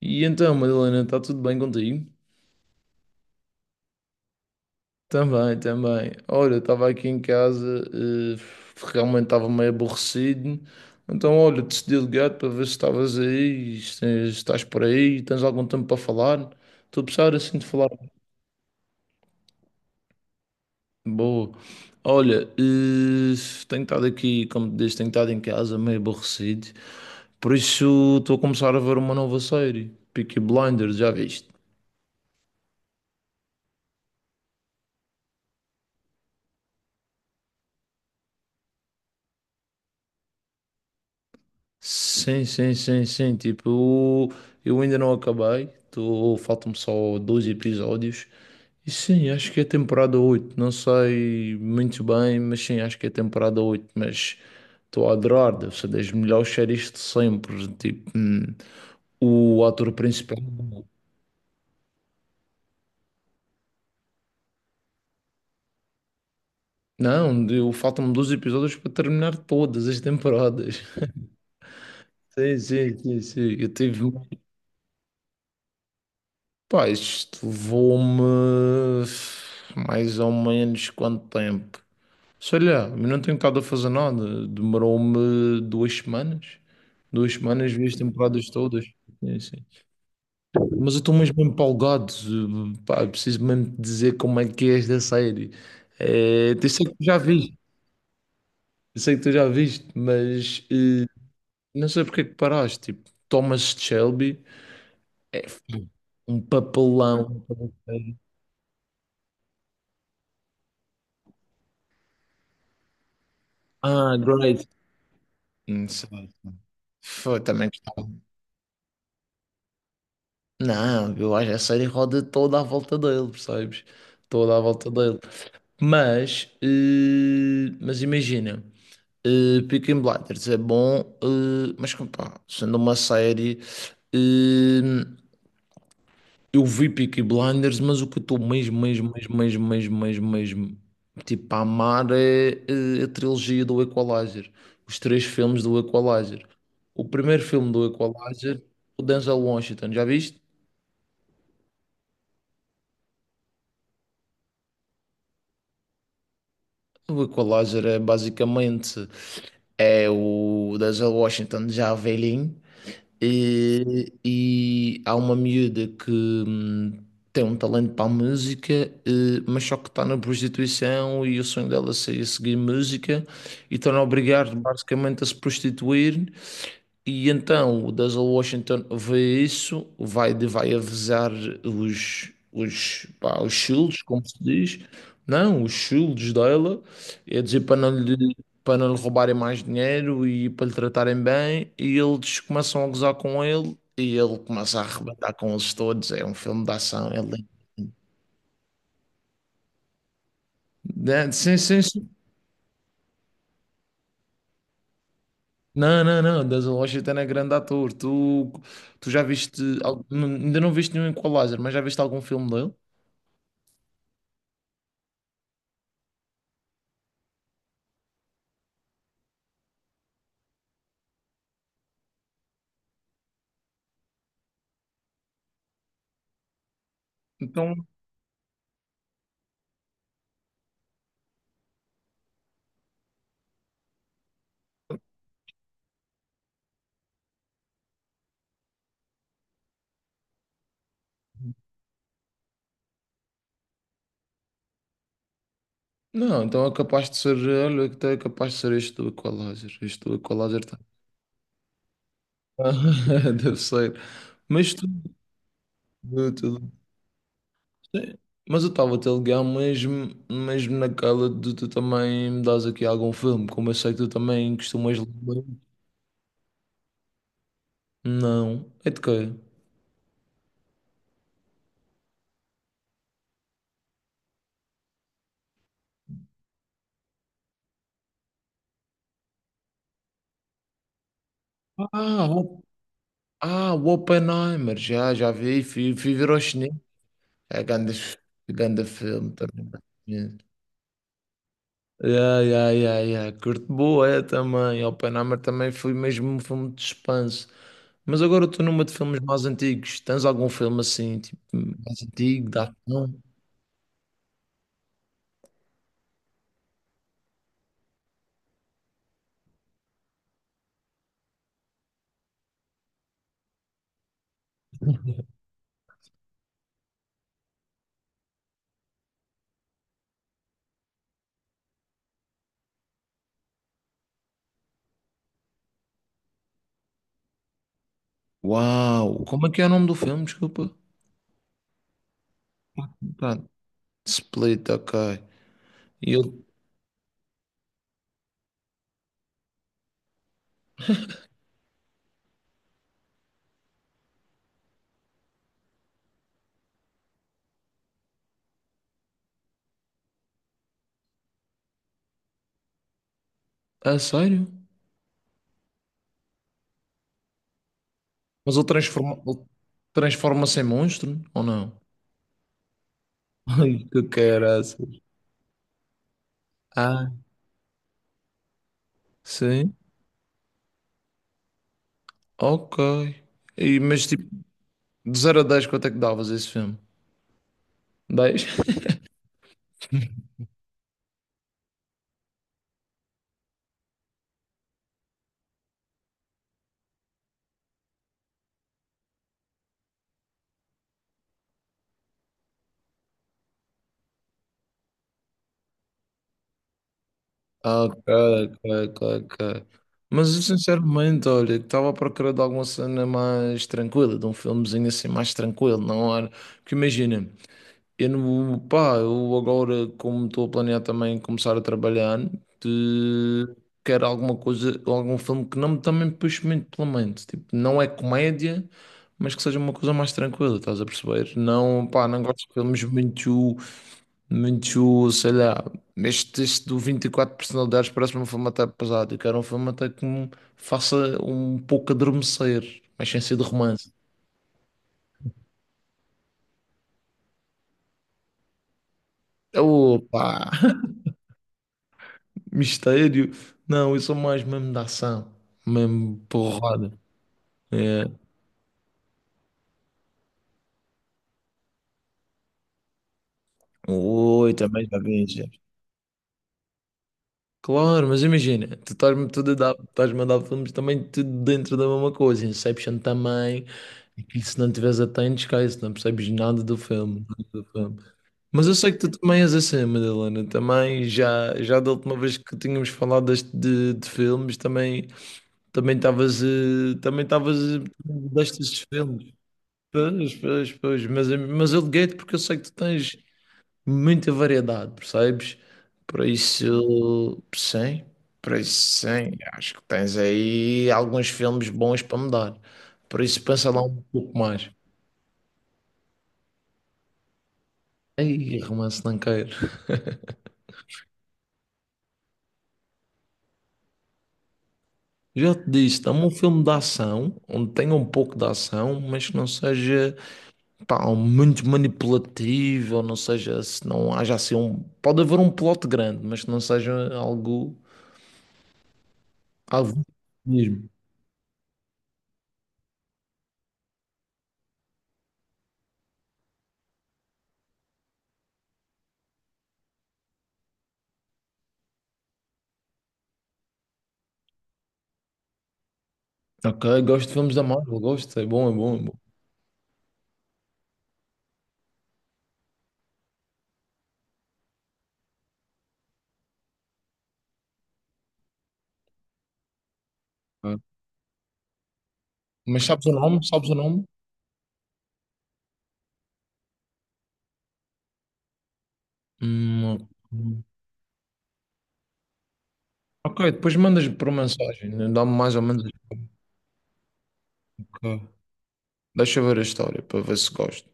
E então, Madalena, está tudo bem contigo? Também, também. Olha, estava aqui em casa, realmente estava meio aborrecido. Então, olha, decidi ligar para ver se estavas aí, se estás por aí, tens algum tempo para falar. Estou a precisar assim de falar. Boa. Olha, tenho estado aqui, como te disse, tenho estado em casa meio aborrecido. Por isso, estou a começar a ver uma nova série, Peaky Blinders, já viste? Sim, sim, sim, sim. Tipo, eu ainda não acabei. Tô, faltam-me só dois episódios. E sim, acho que é temporada oito. Não sei muito bem, mas sim, acho que é temporada oito. Mas estou a adorar. Deve ser das melhores séries de sempre. Tipo, o ator principal. Não, eu faltam-me dois episódios para terminar todas as temporadas. Sim, sim, sim, sim. Eu tive. Pá, isto levou-me mais ou menos quanto tempo? Sei lá, eu não tenho estado a fazer nada. Demorou-me 2 semanas. 2 semanas, vi as temporadas todas. Sim, sim. Mas eu estou mesmo empolgado. Pá, eu preciso mesmo te dizer como é que é esta série. É, eu sei que tu já viste, eu sei que tu já viste, mas não sei porque é que paraste. Tipo, Thomas Shelby é um papelão. Ah, great. Foi, também gostava. Não, eu acho que a série roda toda à volta dele, percebes? Toda à volta dele. Mas imagina, Peaky Blinders é bom, mas como pá, sendo uma série, eh, eu vi Peaky Blinders, mas o que eu estou mesmo, mesmo, mesmo, mesmo, mesmo, mesmo, mesmo, tipo, a amar é, a trilogia do Equalizer, os três filmes do Equalizer. O primeiro filme do Equalizer, o Denzel Washington, já viste? O Equalizer é basicamente o Denzel Washington já velhinho e há uma miúda que hum, tem um talento para a música, mas só que está na prostituição e o sonho dela seria seguir música e estão a obrigar basicamente a se prostituir e então o Denzel Washington vê isso, vai avisar os shields, como se diz, não, os shields dela, é dizer para não lhe roubarem mais dinheiro e para lhe tratarem bem, e eles começam a gozar com ele e ele começa a arrebentar com eles todos. É um filme de ação, é lindo. Né? Sim, sim, sim. Não, não, não, Denzel Washington é grande ator. Tu já viste, ainda não viste nenhum Equalizer, mas já viste algum filme dele? Então, não, então é capaz de ser, olha, então é capaz de ser este do Equalizer. Este do Equalizer tá. Deve ser. Mas tudo, tudo. Sim. Mas eu estava a te ligar mesmo, mesmo naquela de tu também me dás aqui algum filme, como eu sei que tu também costumas ler. Não. É de quê? Ah, o, ah, o Oppenheimer, já vi, fui ver ao cinema. É grande, grande filme também. Yeah, yeah, yeah, yeah. Curto boé também. Oppenheimer também foi mesmo um filme de suspense. Mas agora eu estou numa de filmes mais antigos. Tens algum filme assim, tipo, mais antigo, da ação? Uau! Como é que é o nome do filme? Desculpa. Tá. Split, ok. E ele. Ah, sério? Mas ele transforma-se em monstro? Ou não? Ai, que caraças. Ah, sim. Ok. E, mas tipo, de 0 a 10 quanto é que davas esse filme? 10. Ah, ok, ok, ok, ok. Mas eu sinceramente, olha, estava à procura de alguma cena mais tranquila, de um filmezinho assim mais tranquilo, não era? Porque imagina, eu não, pá, eu agora, como estou a planear também começar a trabalhar, de- quero alguma coisa, algum filme que não me também puxe muito pela mente. Tipo, não é comédia, mas que seja uma coisa mais tranquila, estás a perceber? Não, pá, não gosto de filmes muito muito, sei lá, este teste do 24 personalidades parece-me um filme até pesado. Eu quero um filme até que me faça um pouco adormecer, mas sem ser de romance. Opa, mistério. Não, eu sou mais mesmo da ação, mesmo porrada. É. Oi, também já vi. Claro, mas imagina, tu estás-me a dar filmes também tudo dentro da mesma coisa, Inception também, e se não tiveres atento, esquece, não percebes nada do filme, nada do filme. Mas eu sei que tu também és assim, Madalena, também já da última vez que tínhamos falado deste, de filmes, também estavas destes filmes. Pois, pois, pois, mas eu liguei-te porque eu sei que tu tens, muita variedade, percebes? Por isso, sim, por isso, sim, acho que tens aí alguns filmes bons para me dar. Por isso, pensa lá um pouco mais. Ei, romance não quero. Já te disse, dá-me um filme de ação, onde tenha um pouco de ação, mas que não seja, pá, muito manipulativo, ou não seja, se não haja assim um... Pode haver um plot grande, mas que não seja algo mesmo. Ok, gosto de filmes da Marvel, gosto, é bom, é bom, é bom. Mas sabes o nome? Sabes o nome? Hum, ok, depois mandas por mensagem. Né? Dá-me mais ou menos. Ok. Deixa eu ver a história para ver se gosto.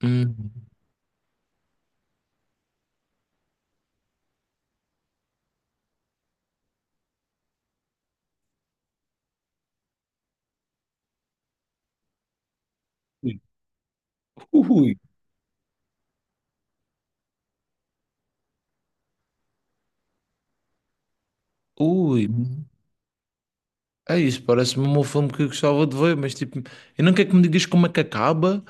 Hum. Ui, ui. É isso, parece-me um filme que eu gostava de ver, mas tipo, eu não quero que me digas como é que acaba,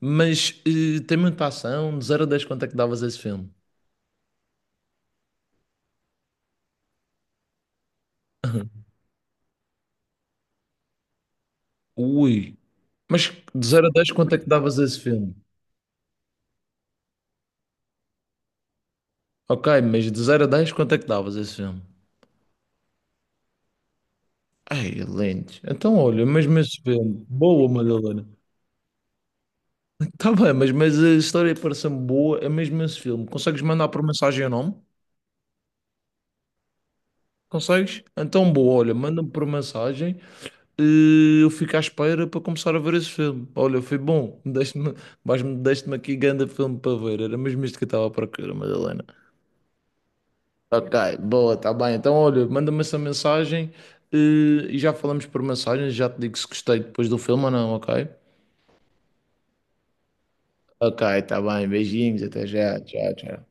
mas tem muita ação. De 0 a 10 quanto é que davas a esse filme? Ui. Mas de 0 a 10 quanto é que davas a esse filme? Ok, mas de 0 a 10 quanto é que davas a esse filme? Ai, lentes. Então, olha, mesmo esse filme. Boa, Madalena. Tá bem, mas a história parece me boa, é mesmo esse filme. Consegues mandar por mensagem o nome? Consegues? Então, boa, olha, manda-me por mensagem e eu fico à espera para começar a ver esse filme. Olha, foi bom. Deste-me aqui grande filme para ver. Era mesmo isto que eu estava à procura, Madalena. Ok, boa, tá bem. Então, olha, manda-me essa mensagem eh, e já falamos por mensagem. Já te digo se gostei depois do filme ou não, ok? Ok, tá bem. Beijinhos, até já. Tchau, tchau.